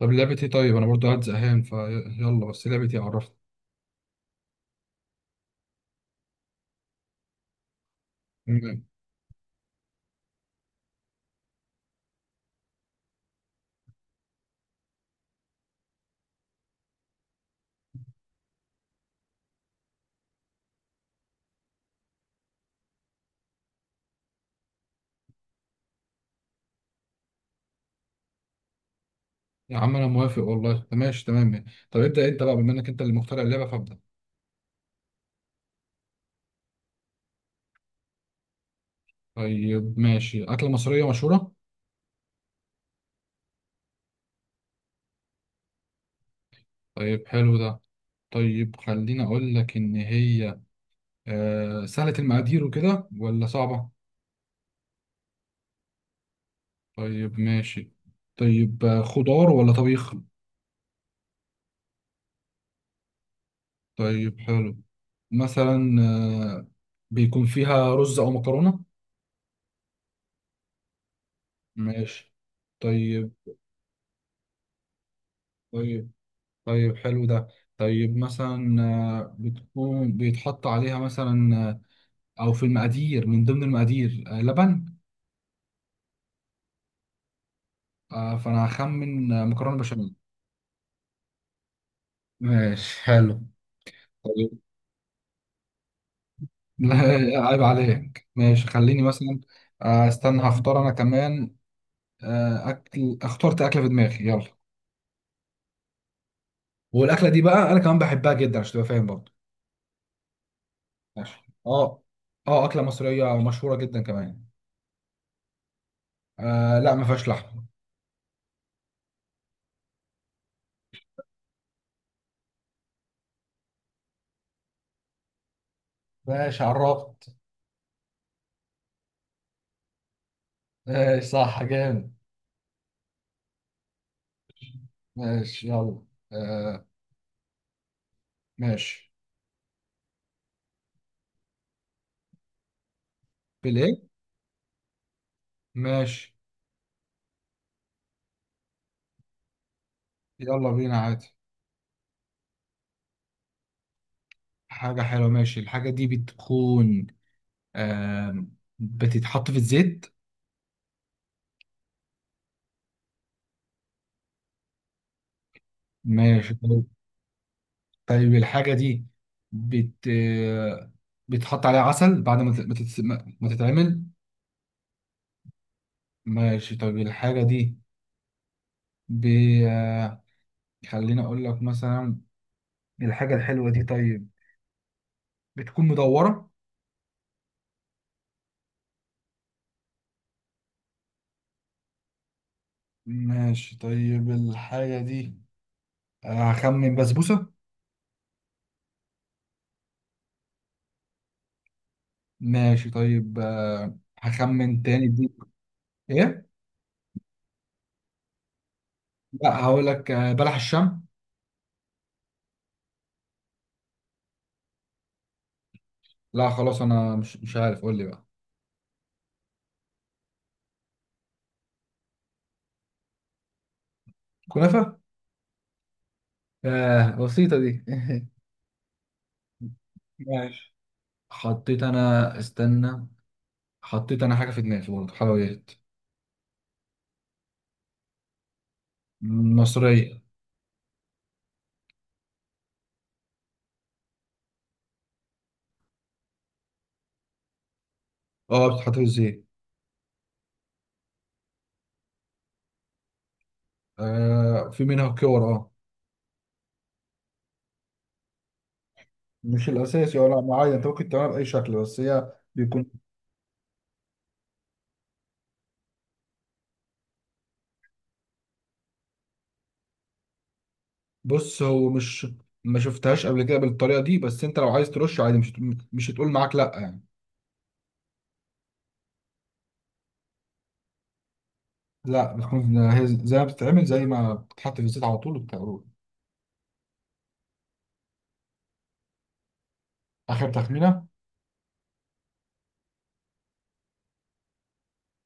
طب لعبة ايه؟ طيب انا برضو قاعد زهقان فيلا، بس لعبة ايه؟ عرفني. تمام. يا عم انا موافق والله. طب ماشي، تمام. طب ابدأ انت بقى، بما انك انت اللي مخترع اللعبة فابدأ. طيب ماشي. أكلة مصرية مشهورة؟ طيب حلو ده. طيب خليني اقول لك ان هي سهلة المقادير وكده، ولا صعبة؟ طيب ماشي. طيب خضار ولا طبيخ؟ طيب حلو. مثلا آه بيكون فيها رز او مكرونة؟ ماشي، طيب. طيب، طيب حلو ده. طيب مثلا بتكون بيتحط عليها مثلا، او في المقادير، من ضمن المقادير لبن. فانا هخمن مكرونه بشاميل. ماشي حلو. طيب لا، عيب عليك. ماشي، خليني مثلا استنى هختار انا كمان. اكل، اخترت اكله في دماغي، يلا. والاكله دي بقى انا كمان بحبها جدا، عشان تبقى فاهم برضه. ماشي اه. اه، اكله مصريه مشهوره جدا كمان. لا، ما فيهاش لحمه. ماشي عرفت. ماشي صح، جامد. ماشي يلا. آه. ماشي. بلاي. ماشي. يلا بينا عادي. حاجة حلوة، ماشي. الحاجة دي بتكون آه بتتحط في الزيت. ماشي طيب. طيب الحاجة دي بت آه، بتحط عليها عسل بعد ما ت- ما تتس- ما- ما تتعمل. ماشي طيب. الحاجة دي ب... آه، خليني أقول لك مثلا. الحاجة الحلوة دي، طيب، بتكون مدورة. ماشي طيب. الحاجة دي هخمن بسبوسة. ماشي طيب. هخمن تاني دي. ايه؟ لا، هقول لك بلح الشام. لا خلاص، انا مش عارف، قول لي بقى. كنافة. بسيطة دي. ماشي. حطيت انا، استنى. حطيت انا حاجة في دماغي برضه، حلويات. مصرية. اه، بتتحط في الزيت. في منها كور، اه. مش الاساسي ولا معين، انت ممكن تعملها باي شكل، بس هي بيكون. بص هو مش، ما شفتهاش قبل كده بالطريقة دي، بس انت لو عايز ترش عادي، مش هتقول معاك لا يعني. لا، بتكون هي زي ما بتتعمل، زي ما بتتحط في الزيت على طول وبتقلوب. آخر تخمينة.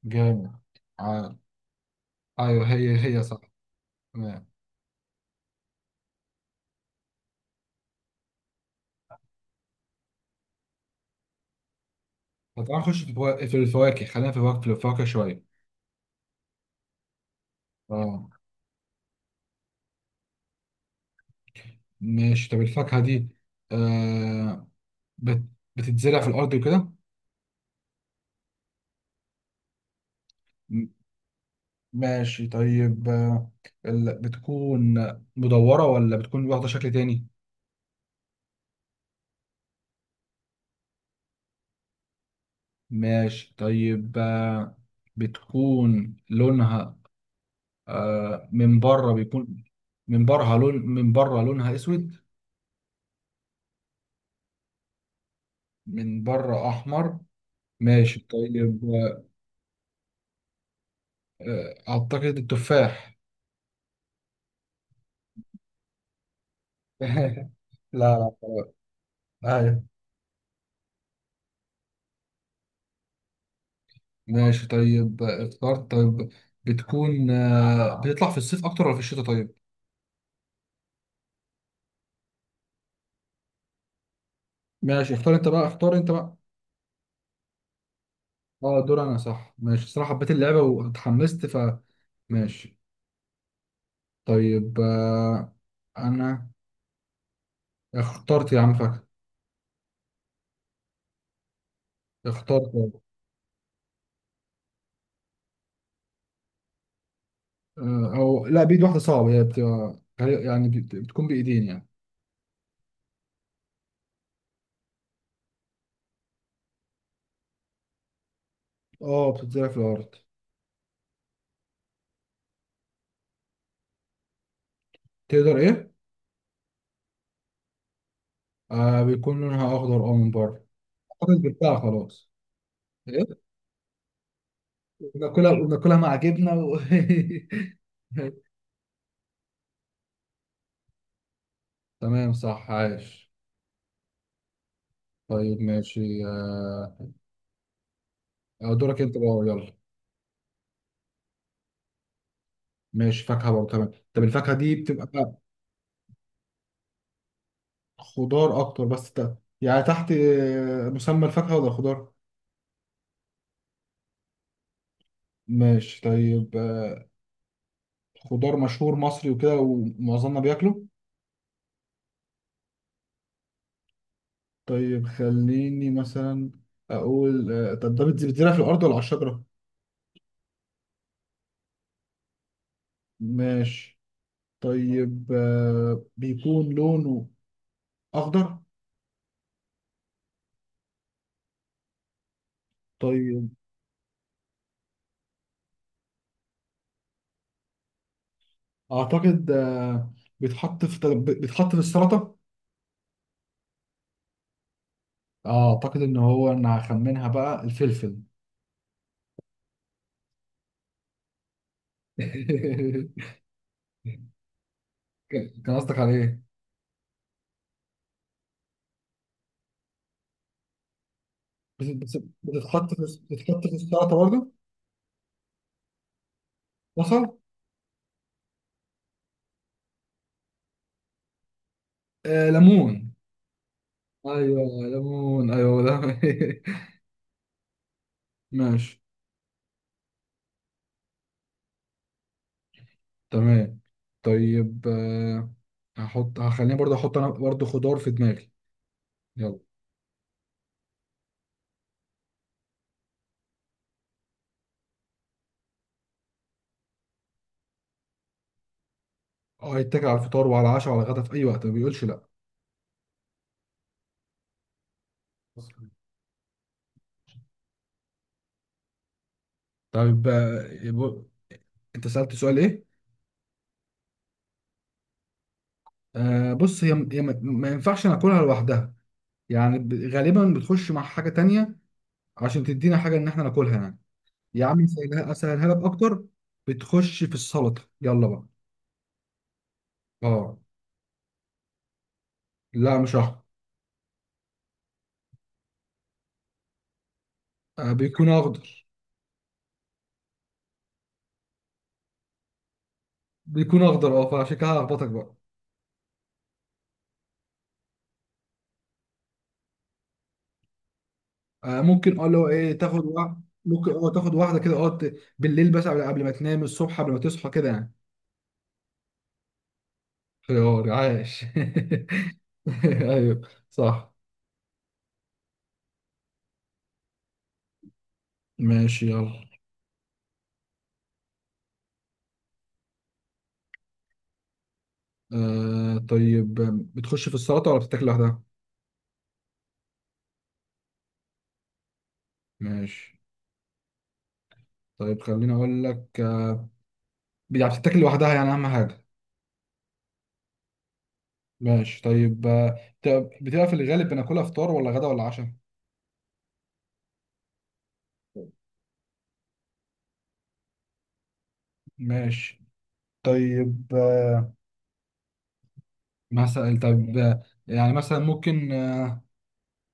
جامد. آه. أيوه، هي صح. تمام. طب تعالى نخش في الفواكه، خلينا في الفواكه شوية. اه. ماشي. طب الفاكهة دي آه بت... بتتزرع في الأرض وكده؟ م- ماشي طيب. بتكون مدورة، ولا بتكون واخدة شكل تاني؟ ماشي طيب. بتكون لونها، من بره بيكون. من بره لونها اسود. من بره احمر. ماشي طيب. اعتقد التفاح. لا، لا. ايوه. ماشي طيب. اخترت، طيب. بتكون بتطلع في الصيف اكتر، ولا في الشتاء؟ طيب. ماشي، اختار انت بقى، اختار انت بقى. اه، دور انا، صح. ماشي، صراحة حبيت اللعبة واتحمست. ماشي طيب. انا اخترت يا عم، فاكر. اخترت. او لا، بايد واحده صعبه، هي بتبقى يعني بتكون بايدين يعني. اه، بتتزرع في الارض. تقدر ايه؟ بيكون لونها اخضر، اه، من بره. اعتقد جبتها، خلاص. ايه؟ ناكلها مع جبنه و... تمام، صح، عايش. طيب، ماشي. دورك انت بقى، يلا. ماشي، فاكهه برضه، تمام. طب الفاكهه دي بتبقى. خضار اكتر، بس يعني تحت مسمى الفاكهه ولا الخضار؟ ماشي طيب. خضار مشهور مصري وكده، ومعظمنا بياكله. طيب خليني مثلا اقول طب ده بتزرع في الارض ولا على الشجره؟ ماشي طيب. بيكون لونه اخضر. طيب. اعتقد بيتحط في بيتحط في السلطه. اعتقد ان هو انا هخمنها بقى، الفلفل. كان قصدك على ايه؟ بت- بتتحط في السلطه برضه. بصل. ليمون. ايوه. ليمون، ايوه ده. ماشي. تمام. طيب هخليني برضه احط انا برضه خضار في دماغي. يلا. اه، يتكل على الفطار وعلى العشاء وعلى الغدا، في اي وقت ما بيقولش لا. طيب انت سألت سؤال ايه؟ بص هي، ما ينفعش ناكلها لوحدها. يعني غالبا بتخش مع حاجة تانية، عشان تدينا حاجة ان احنا ناكلها يعني. يا عم، اسهلها لك اكتر. بتخش في السلطة، يلا بقى. اه. لا مش احمر. بيكون اخضر. بيكون اخضر، اه. فعشان كده هخبطك بقى. ممكن اه، اللي هو ايه، تاخد واحد، ممكن اه تاخد واحده كده اه، بالليل، بس قبل ما تنام، الصبح قبل ما تصحى كده يعني. خيار، عاش. ايوه. صح. ماشي، يلا. طيب. بتخش في السلطه ولا بتتاكل لوحدها؟ ماشي طيب. خليني اقول لك يعني بتتاكل لوحدها يعني، اهم حاجه. ماشي طيب. بتبقى في الغالب بناكلها فطار ولا غدا ولا عشاء؟ ماشي طيب. مثلا طب يعني مثلا ممكن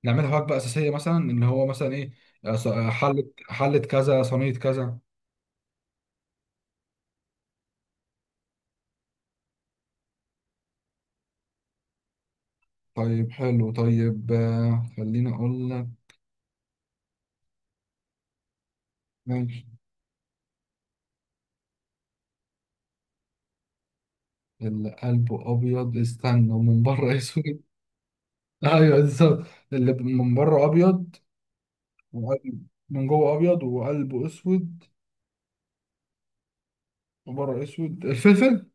نعملها وجبة أساسية مثلا، إن هو مثلا إيه حلة كذا، صينية كذا. طيب حلو. طيب خليني أقول لك. ماشي. اللي قلبه أبيض، استنى، ومن بره أسود. أيوه، بالظبط. اللي من بره أبيض. من جوه أبيض، وقلبه أسود. وبره أسود. الفلفل؟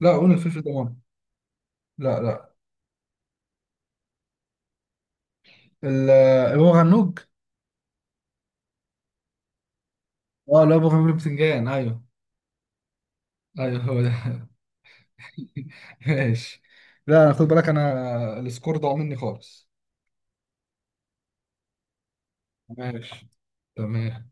لا، قول الفلفل ده مرة. لا، لا. أبو غنوج؟ أه لا، أبو غنوج بتنجان، أيوه. أيوه، هو ده. ماشي. لا خد بالك، انا السكور ضاع مني خالص. ماشي، تمام.